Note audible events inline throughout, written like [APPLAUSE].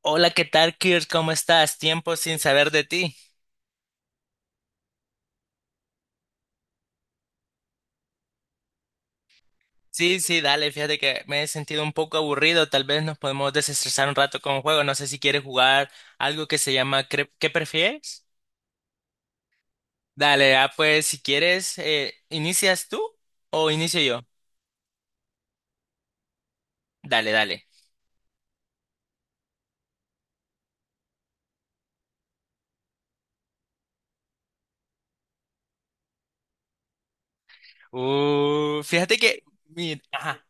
Hola, ¿qué tal, Kirk? ¿Cómo estás? Tiempo sin saber de ti. Sí, sí, dale, fíjate que me he sentido un poco aburrido. Tal vez nos podemos desestresar un rato con un juego. No sé si quieres jugar algo que se llama ¿Qué prefieres? Dale, pues si quieres, ¿inicias tú o inicio yo? Dale, dale. Fíjate que, ajá,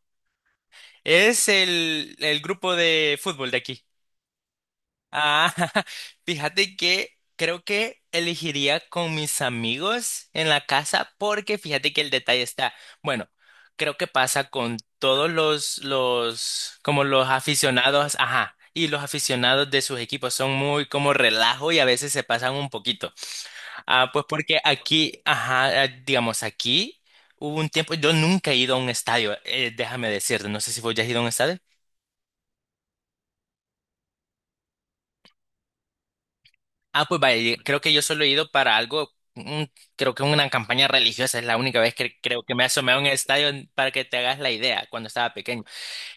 es el grupo de fútbol de aquí. Ah, [LAUGHS] fíjate que creo que elegiría con mis amigos en la casa porque fíjate que el detalle está, bueno, creo que pasa con todos como los aficionados, ajá, y los aficionados de sus equipos son muy como relajo y a veces se pasan un poquito. Pues porque aquí, ajá, digamos aquí hubo un tiempo, yo nunca he ido a un estadio, déjame decirte, no sé si vos ya has ido a un estadio. Ah, pues vaya, creo que yo solo he ido para algo, mm, creo que una campaña religiosa es la única vez que creo que me he asomado en el estadio para que te hagas la idea cuando estaba pequeño.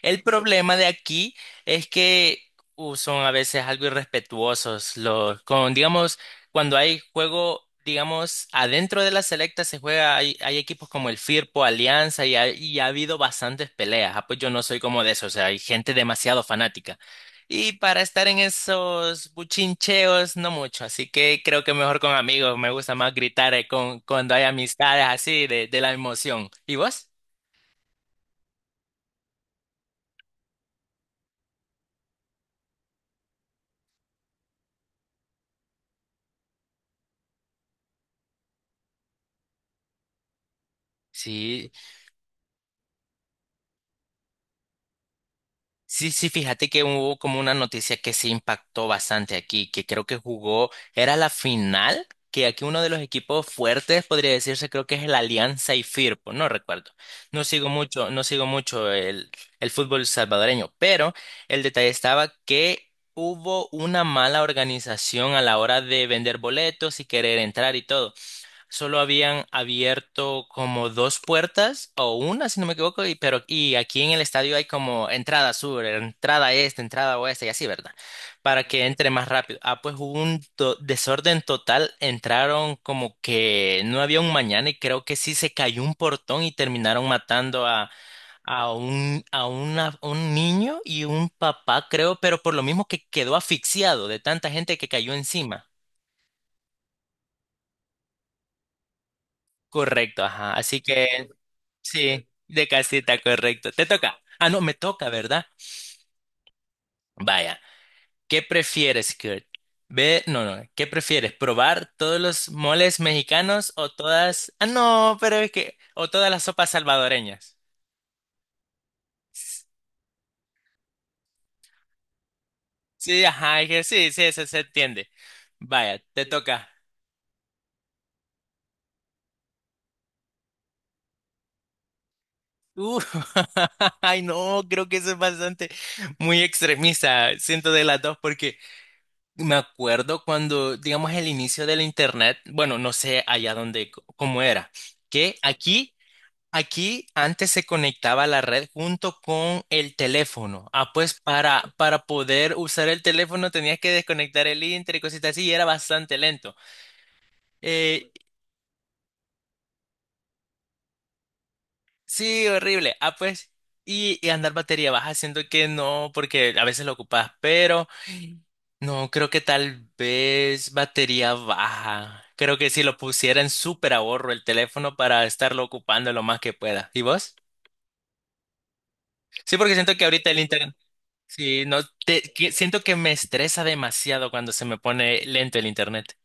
El problema de aquí es que son a veces algo irrespetuosos los con digamos cuando hay juego, digamos adentro de la selecta se juega, hay equipos como el Firpo, Alianza, y ha habido bastantes peleas. Ah, pues yo no soy como de eso, o sea, hay gente demasiado fanática. Y para estar en esos buchincheos no mucho, así que creo que mejor con amigos, me gusta más gritar con cuando hay amistades así de la emoción. ¿Y vos? Sí, sí, sí, fíjate que hubo como una noticia que se impactó bastante aquí, que creo que jugó, era la final, que aquí uno de los equipos fuertes podría decirse, creo que es el Alianza y Firpo, no recuerdo. No sigo mucho el fútbol salvadoreño, pero el detalle estaba que hubo una mala organización a la hora de vender boletos y querer entrar y todo. Solo habían abierto como dos puertas o una, si no me equivoco, y, pero y aquí en el estadio hay como entrada sur, entrada este, entrada oeste y así, ¿verdad? Para que entre más rápido. Ah, pues hubo un desorden total, entraron como que no había un mañana y creo que sí se cayó un portón y terminaron matando a, un niño y un papá, creo, pero por lo mismo que quedó asfixiado de tanta gente que cayó encima. Correcto, ajá. Así que sí, de casita, correcto. Te toca. Ah, no, me toca, ¿verdad? Vaya, ¿qué prefieres, Kurt? Ve, no, no, ¿qué prefieres? ¿Probar todos los moles mexicanos o todas... Ah, no, pero es que... o todas las sopas salvadoreñas? Sí, ajá, es que sí, sí, eso se entiende. Vaya, te toca. Uh, [LAUGHS] ay, no, creo que eso es bastante muy extremista. Siento de las dos porque me acuerdo cuando, digamos, el inicio del internet, bueno, no sé allá dónde, cómo era, que aquí, aquí antes se conectaba la red junto con el teléfono. Ah, pues para poder usar el teléfono tenías que desconectar el inter y cositas así, y era bastante lento. Eh, sí, horrible. Ah, pues, y andar batería baja, siento que no, porque a veces lo ocupas, pero. No, creo que tal vez batería baja. Creo que si lo pusiera en súper ahorro el teléfono para estarlo ocupando lo más que pueda. ¿Y vos? Sí, porque siento que ahorita el internet... Sí, no, siento que me estresa demasiado cuando se me pone lento el internet.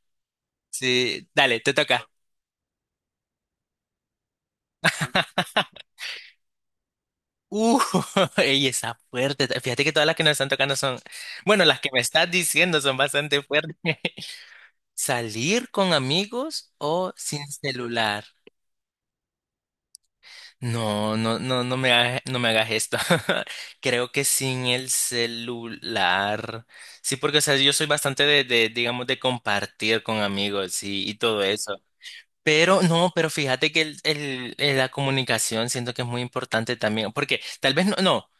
Sí, dale, te toca. Uh, [LAUGHS] ey, está fuerte. Fíjate que todas las que nos están tocando son, bueno, las que me estás diciendo son bastante fuertes. [LAUGHS] ¿Salir con amigos o sin celular? No, no, no, no me hagas esto. [LAUGHS] Creo que sin el celular. Sí, porque, o sea, yo soy bastante digamos, de compartir con amigos y todo eso. Pero no, pero fíjate que la comunicación siento que es muy importante también, porque tal vez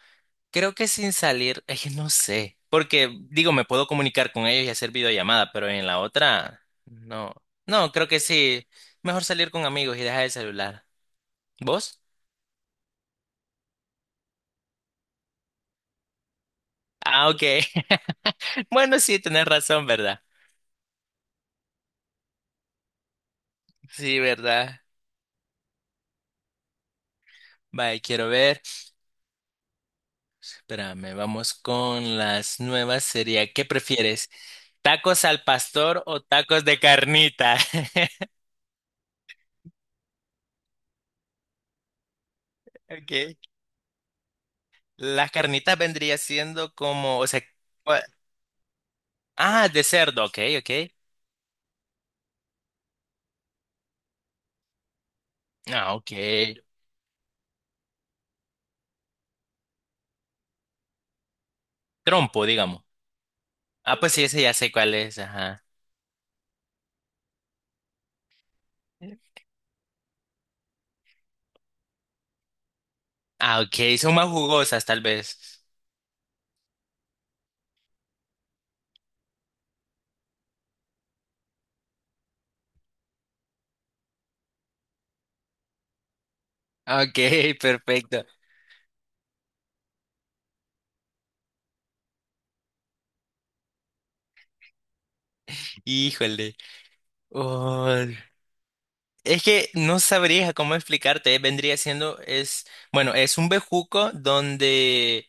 creo que sin salir, es que no sé, porque digo, me puedo comunicar con ellos y hacer videollamada, pero en la otra, no, no, creo que sí, mejor salir con amigos y dejar el celular. ¿Vos? Ah, ok. [LAUGHS] Bueno, sí, tenés razón, ¿verdad? Sí, ¿verdad? Vaya, quiero ver. Espérame, vamos con las nuevas. Sería, ¿qué prefieres? ¿Tacos al pastor o tacos de carnita? [LAUGHS] Okay. Las carnitas vendría siendo como, o sea, cua- de cerdo, ok, ok. Ah, ok. Trompo, digamos. Ah, pues sí, ese ya sé cuál es, ajá. Ah, ok, son más jugosas tal vez. Ok, [LAUGHS] perfecto. Híjole. Oh. Es que no sabría cómo explicarte, vendría siendo, es, bueno, es un bejuco donde,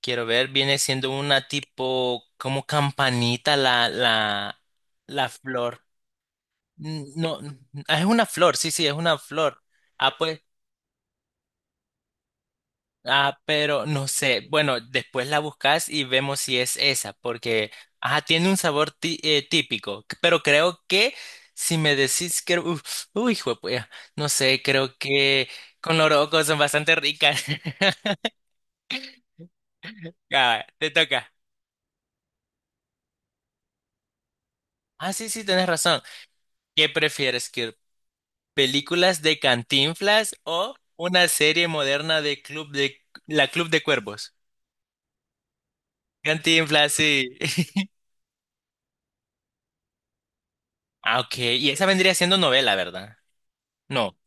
quiero ver, viene siendo una tipo, como campanita la flor. Mm, No, mm, ah, Es una flor, sí, sí, es una flor. Ah, pues, ah, pero no sé. Bueno, después la buscas y vemos si es esa, porque, ajá, tiene un sabor típico, pero creo que si me decís que, uf, uy, hijo de puya, no sé, creo que con loroco son bastante ricas. [LAUGHS] Ya, te toca. Ah, sí, sí, tienes razón. ¿Qué prefieres, que películas de Cantinflas o una serie moderna de Club de Cuervos? Cantinflas, sí. [LAUGHS] Ah, ok. Y esa vendría siendo novela, ¿verdad? No.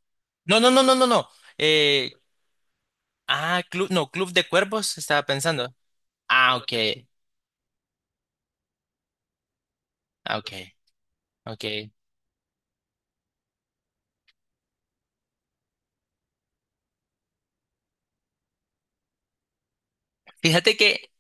No, no, no, no, no, no. Eh, Club de Cuervos, estaba pensando. Ah, ok, ah, ok, ok. Fíjate que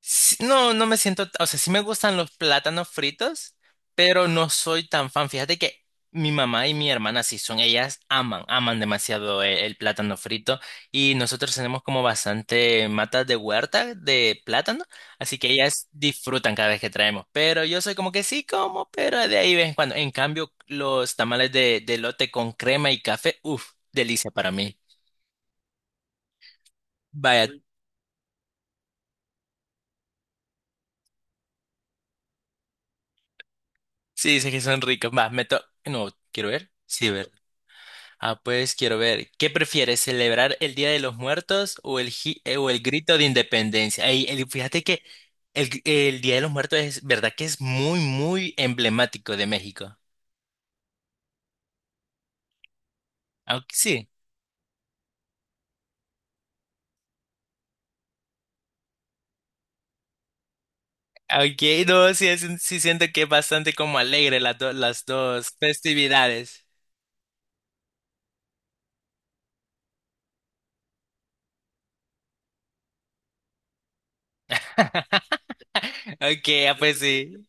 sí, no, no me siento, o sea, sí me gustan los plátanos fritos, pero no soy tan fan. Fíjate que mi mamá y mi hermana sí son, ellas aman, aman demasiado el plátano frito y nosotros tenemos como bastante matas de huerta de plátano, así que ellas disfrutan cada vez que traemos, pero yo soy como que sí como, pero de ahí de vez en cuando. En cambio, los tamales de elote con crema y café, uff, delicia para mí. Vaya, sí, dice que son ricos. Va, me to... No, quiero ver. Sí, ver. Ah, pues quiero ver, ¿qué prefieres, celebrar el Día de los Muertos o o el grito de independencia? Ey, fíjate que el Día de los Muertos es verdad que es muy, muy emblemático de México. Aunque sí, aunque no, sí, es un- sí siento que es bastante como alegre las dos festividades. [LAUGHS] Ok, ah, pues sí.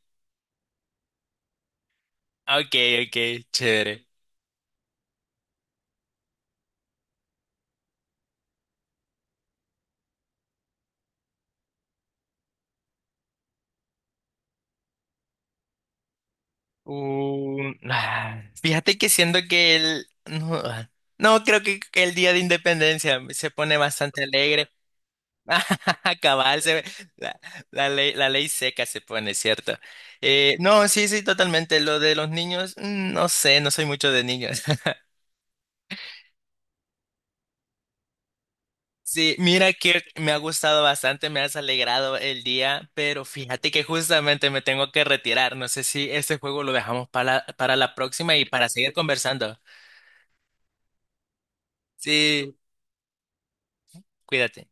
Ok, ok, chévere. Fíjate que siento que el... No, ah, no, creo que el día de independencia se pone bastante alegre. [LAUGHS] Cabal, la, la ley seca se pone, ¿cierto? No, sí, sí, totalmente. Lo de los niños, mm, no sé, no soy mucho de niños. [LAUGHS] Sí, mira que me ha gustado bastante, me has alegrado el día, pero fíjate que justamente me tengo que retirar. No sé si este juego lo dejamos para la próxima y para seguir conversando. Sí, cuídate.